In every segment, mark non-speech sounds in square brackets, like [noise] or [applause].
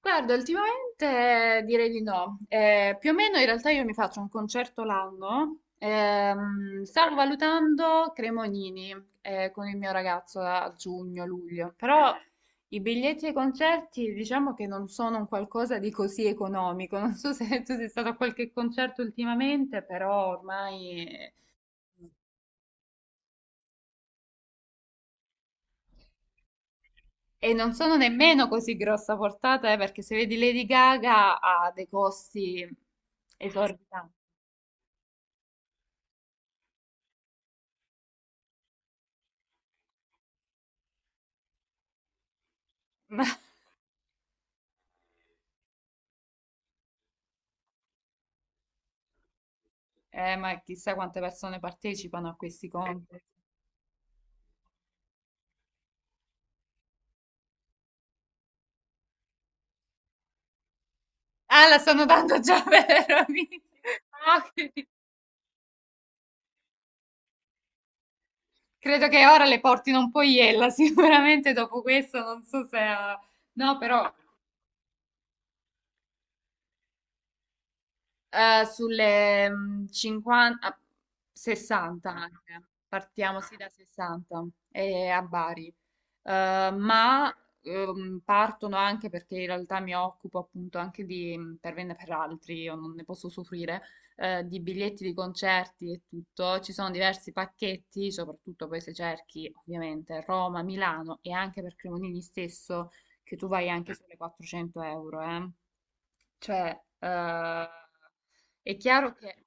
Guarda, ultimamente direi di no. Più o meno in realtà io mi faccio un concerto l'anno. Stavo valutando Cremonini con il mio ragazzo a giugno-luglio, però i biglietti ai concerti diciamo che non sono un qualcosa di così economico. Non so se tu sei stato a qualche concerto ultimamente, però ormai... E non sono nemmeno così grossa portata, perché se vedi Lady Gaga ha dei costi esorbitanti. [laughs] Ma chissà quante persone partecipano a questi contest. Ah, la stanno dando già [laughs] per amici. Ah, che- Credo che ora le portino un po' iella, [laughs] sicuramente dopo questo non so se... No, però sulle 50, 60 anche. Partiamo sì da 60 e a Bari. Eh, ma Partono anche perché in realtà mi occupo appunto anche di per me per altri, io non ne posso soffrire, di biglietti di concerti e tutto. Ci sono diversi pacchetti, soprattutto poi se cerchi ovviamente Roma, Milano e anche per Cremonini stesso, che tu vai anche sulle 400 euro, eh. Cioè, eh, è chiaro che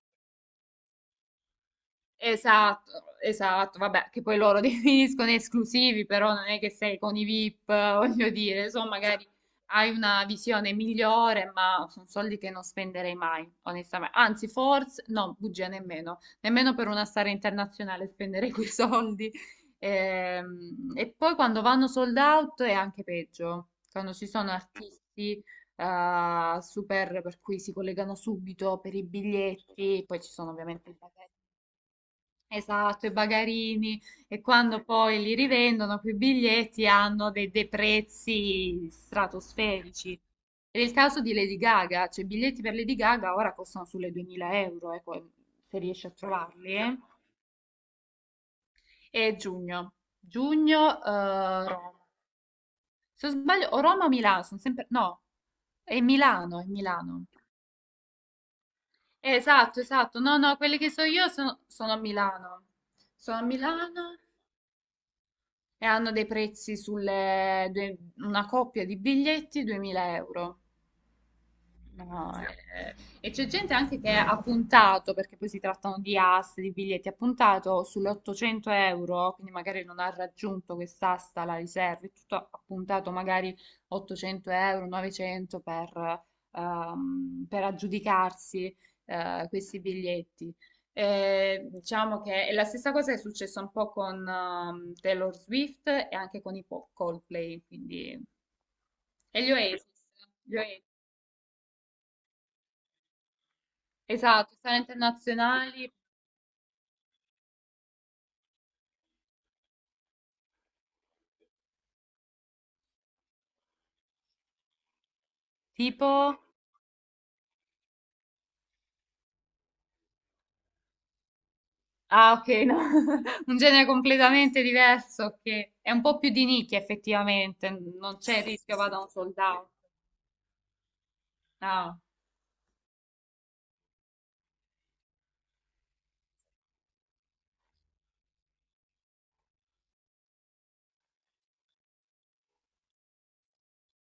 esatto, esatto, vabbè, che poi loro [laughs] definiscono esclusivi, però non è che sei con i VIP, [laughs] voglio dire, insomma, magari hai una visione migliore, ma sono soldi che non spenderei mai, onestamente. Anzi, forse, no, bugia nemmeno, nemmeno per una star internazionale spenderei [laughs] quei soldi. E poi quando vanno sold out è anche peggio, quando ci sono artisti super per cui si collegano subito per i biglietti, poi ci sono ovviamente i bagagli. Esatto, i bagarini e quando poi li rivendono, quei biglietti hanno dei prezzi stratosferici. Ed è il caso di Lady Gaga, cioè i biglietti per Lady Gaga ora costano sulle 2000 euro, ecco, se riesci a trovarli. E giugno, giugno, Roma. Se non sbaglio, o Roma o Milano, sono sempre... No, è Milano. Esatto, esatto. No, no, quelli che so io sono a Milano. Sono a Milano. E hanno dei prezzi sulle due- una coppia di biglietti 2000 euro. No, eh. E c'è gente anche che ha puntato, perché poi si trattano di aste, di biglietti, ha puntato sull'800 euro, quindi magari non ha raggiunto quest'asta, la riserva, e tutto ha puntato magari 800 euro, 900 per aggiudicarsi questi biglietti. E diciamo che è la stessa cosa che è successa un po' con Taylor Swift e anche con Coldplay, quindi... E gli Oasis. Esatto, sono internazionali, tipo... Ah, ok, no. [laughs] Un genere completamente diverso che è un po' più di nicchia effettivamente, non c'è il rischio vada un sold out. Ah.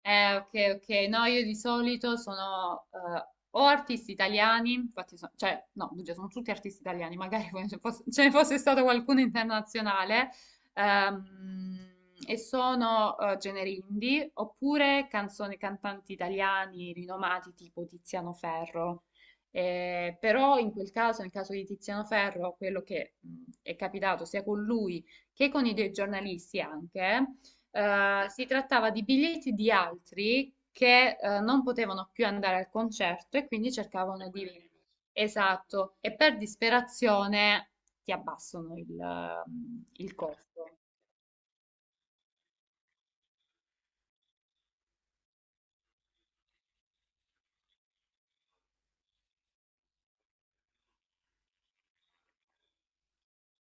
Ok, ok. No, io di solito sono o artisti italiani, cioè, no, bugia, sono tutti artisti italiani, magari [laughs] poi ce ne fosse stato qualcuno internazionale, ehm, e sono generi indie, oppure canzoni, cantanti italiani rinomati tipo Tiziano Ferro. Però in quel caso, nel caso di Tiziano Ferro, quello che è capitato sia con lui che con i dei giornalisti anche, si trattava di biglietti di altri che non potevano più andare al concerto e quindi cercavano di venire. Esatto, e per disperazione ti abbassano il costo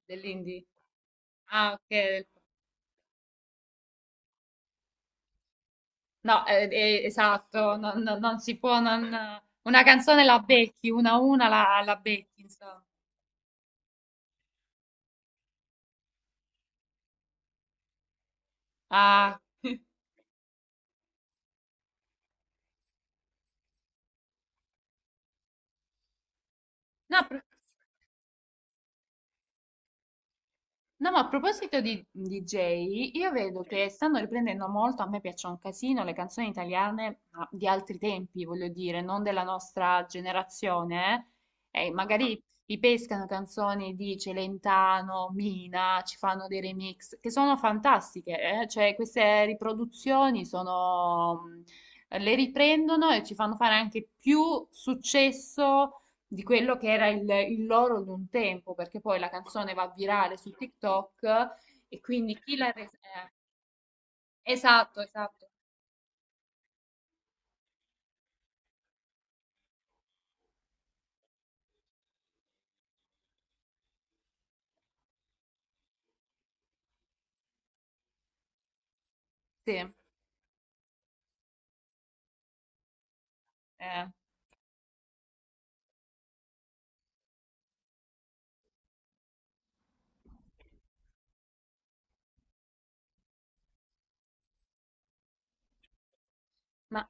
dell'indie. Ah, ok. No, esatto, non si può, non- una canzone la becchi, una a una la becchi, insomma. Ah. [laughs] No. No, ma a proposito di DJ, io vedo che stanno riprendendo molto, a me piacciono un casino le canzoni italiane ma di altri tempi, voglio dire, non della nostra generazione. Eh, e magari ripescano canzoni di Celentano, Mina, ci fanno dei remix, che sono fantastiche, eh. Cioè, queste riproduzioni sono... le riprendono e ci fanno fare anche più successo di quello che era il loro di un tempo, perché poi la canzone va virale su TikTok e quindi chi l'ha resa... esatto, esatto, sì. eh, ma,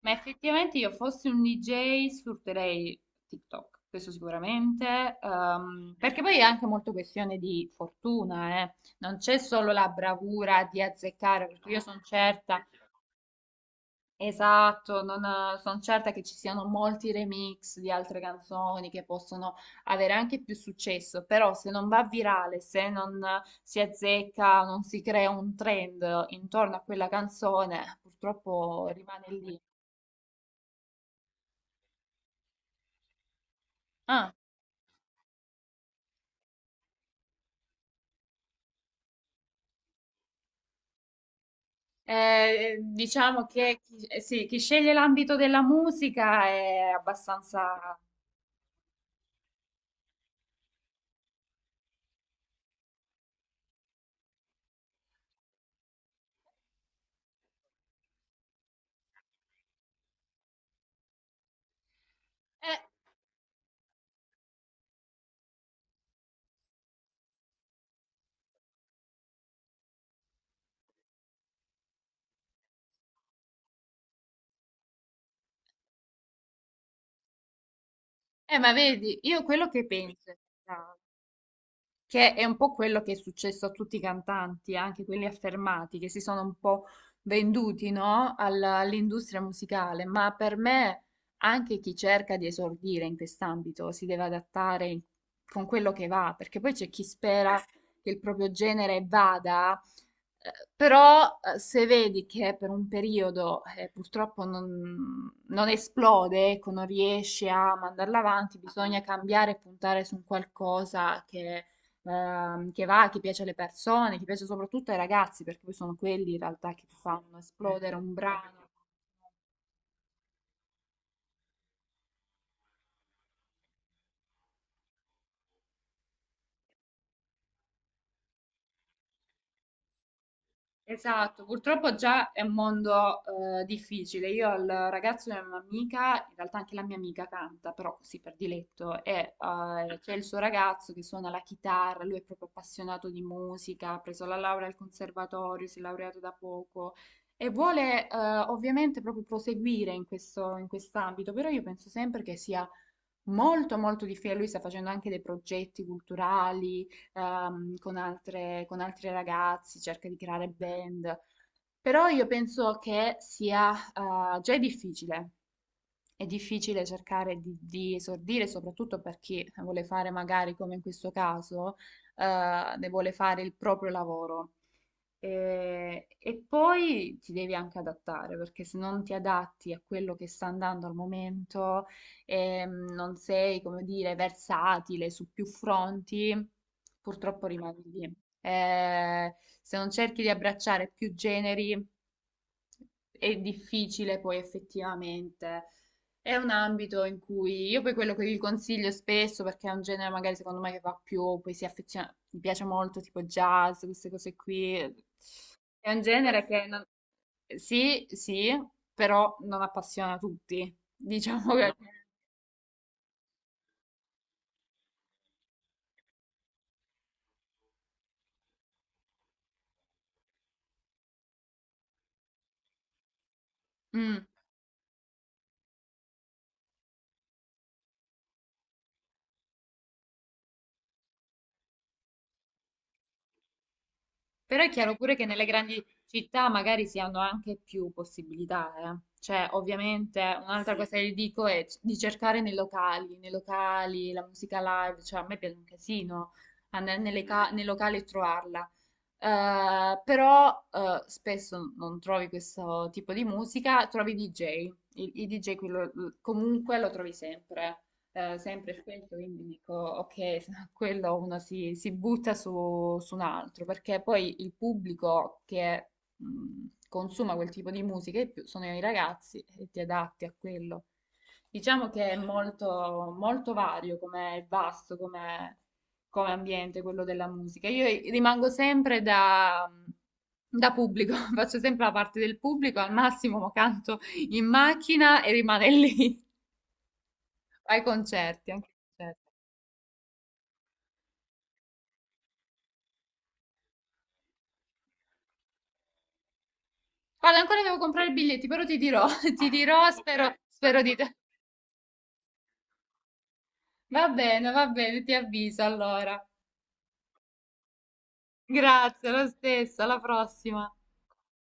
ma effettivamente io fossi un DJ sfrutterei TikTok, questo sicuramente, perché poi è anche molto questione di fortuna, eh. Non c'è solo la bravura di azzeccare, perché io sono certa esatto, non, sono certa che ci siano molti remix di altre canzoni che possono avere anche più successo, però se non va virale, se non si azzecca, non si crea un trend intorno a quella canzone, purtroppo rimane lì. Ah, diciamo che sì, chi sceglie l'ambito della musica è abbastanza... Eh, ma vedi, io quello che penso... Che è un po' quello che è successo a tutti i cantanti, anche quelli affermati, che si sono un po' venduti, no? All'industria musicale, ma per me anche chi cerca di esordire in quest'ambito si deve adattare con quello che va, perché poi c'è chi spera che il proprio genere vada, però se vedi che per un periodo purtroppo non esplode, ecco, non riesce a mandarla avanti, bisogna cambiare e puntare su un qualcosa che va, che piace alle persone, che piace soprattutto ai ragazzi, perché poi sono quelli in realtà che ti fanno esplodere un brano. Esatto, purtroppo già è un mondo difficile. Io al ragazzo di un'amica, in realtà anche la mia amica canta, però così per diletto, e c'è il suo ragazzo che suona la chitarra, lui è proprio appassionato di musica, ha preso la laurea al conservatorio, si è laureato da poco e vuole ovviamente proprio proseguire in questo, in quest'ambito, però io penso sempre che sia molto molto difficile. Lui sta facendo anche dei progetti culturali con altre, con altri ragazzi, cerca di creare band, però io penso che sia già è difficile. È difficile cercare di esordire, soprattutto per chi vuole fare magari come in questo caso, ne vuole fare il proprio lavoro. E poi ti devi anche adattare, perché se non ti adatti a quello che sta andando al momento, non sei, come dire, versatile su più fronti, purtroppo rimani lì. Eh, Se non cerchi di abbracciare più generi, è difficile poi effettivamente. È un ambito in cui io poi quello che vi consiglio spesso, perché è un genere magari secondo me che va più, poi si affeziona, mi piace molto tipo jazz, queste cose qui. È un genere che non- sì, sì, però non appassiona tutti. [laughs] Diciamo che... No. Mm. Però è chiaro pure che nelle grandi città magari si hanno anche più possibilità, eh. Cioè, ovviamente, un'altra sì, cosa che dico è di cercare nei locali, la musica live, cioè a me piace un casino andare nei locali e trovarla. Però Spesso non trovi questo tipo di musica, trovi DJ, il DJ quello- comunque lo trovi sempre, sempre e spesso, quindi dico ok, [laughs] no quello uno si butta su, su un altro, perché poi il pubblico che consuma quel tipo di musica di più sono i ragazzi e ti adatti a quello. Diciamo che è molto, molto vario come è vasto, come ambiente, quello della musica. Io rimango sempre da pubblico, [laughs] faccio sempre la parte del pubblico, al massimo canto in macchina e rimane lì [laughs] ai concerti, anche ai concerti. Guarda, ancora devo comprare i biglietti, però ti dirò, [laughs] ti dirò, spero, spero di te. Va bene, ti avviso allora. Grazie, lo stesso, alla prossima.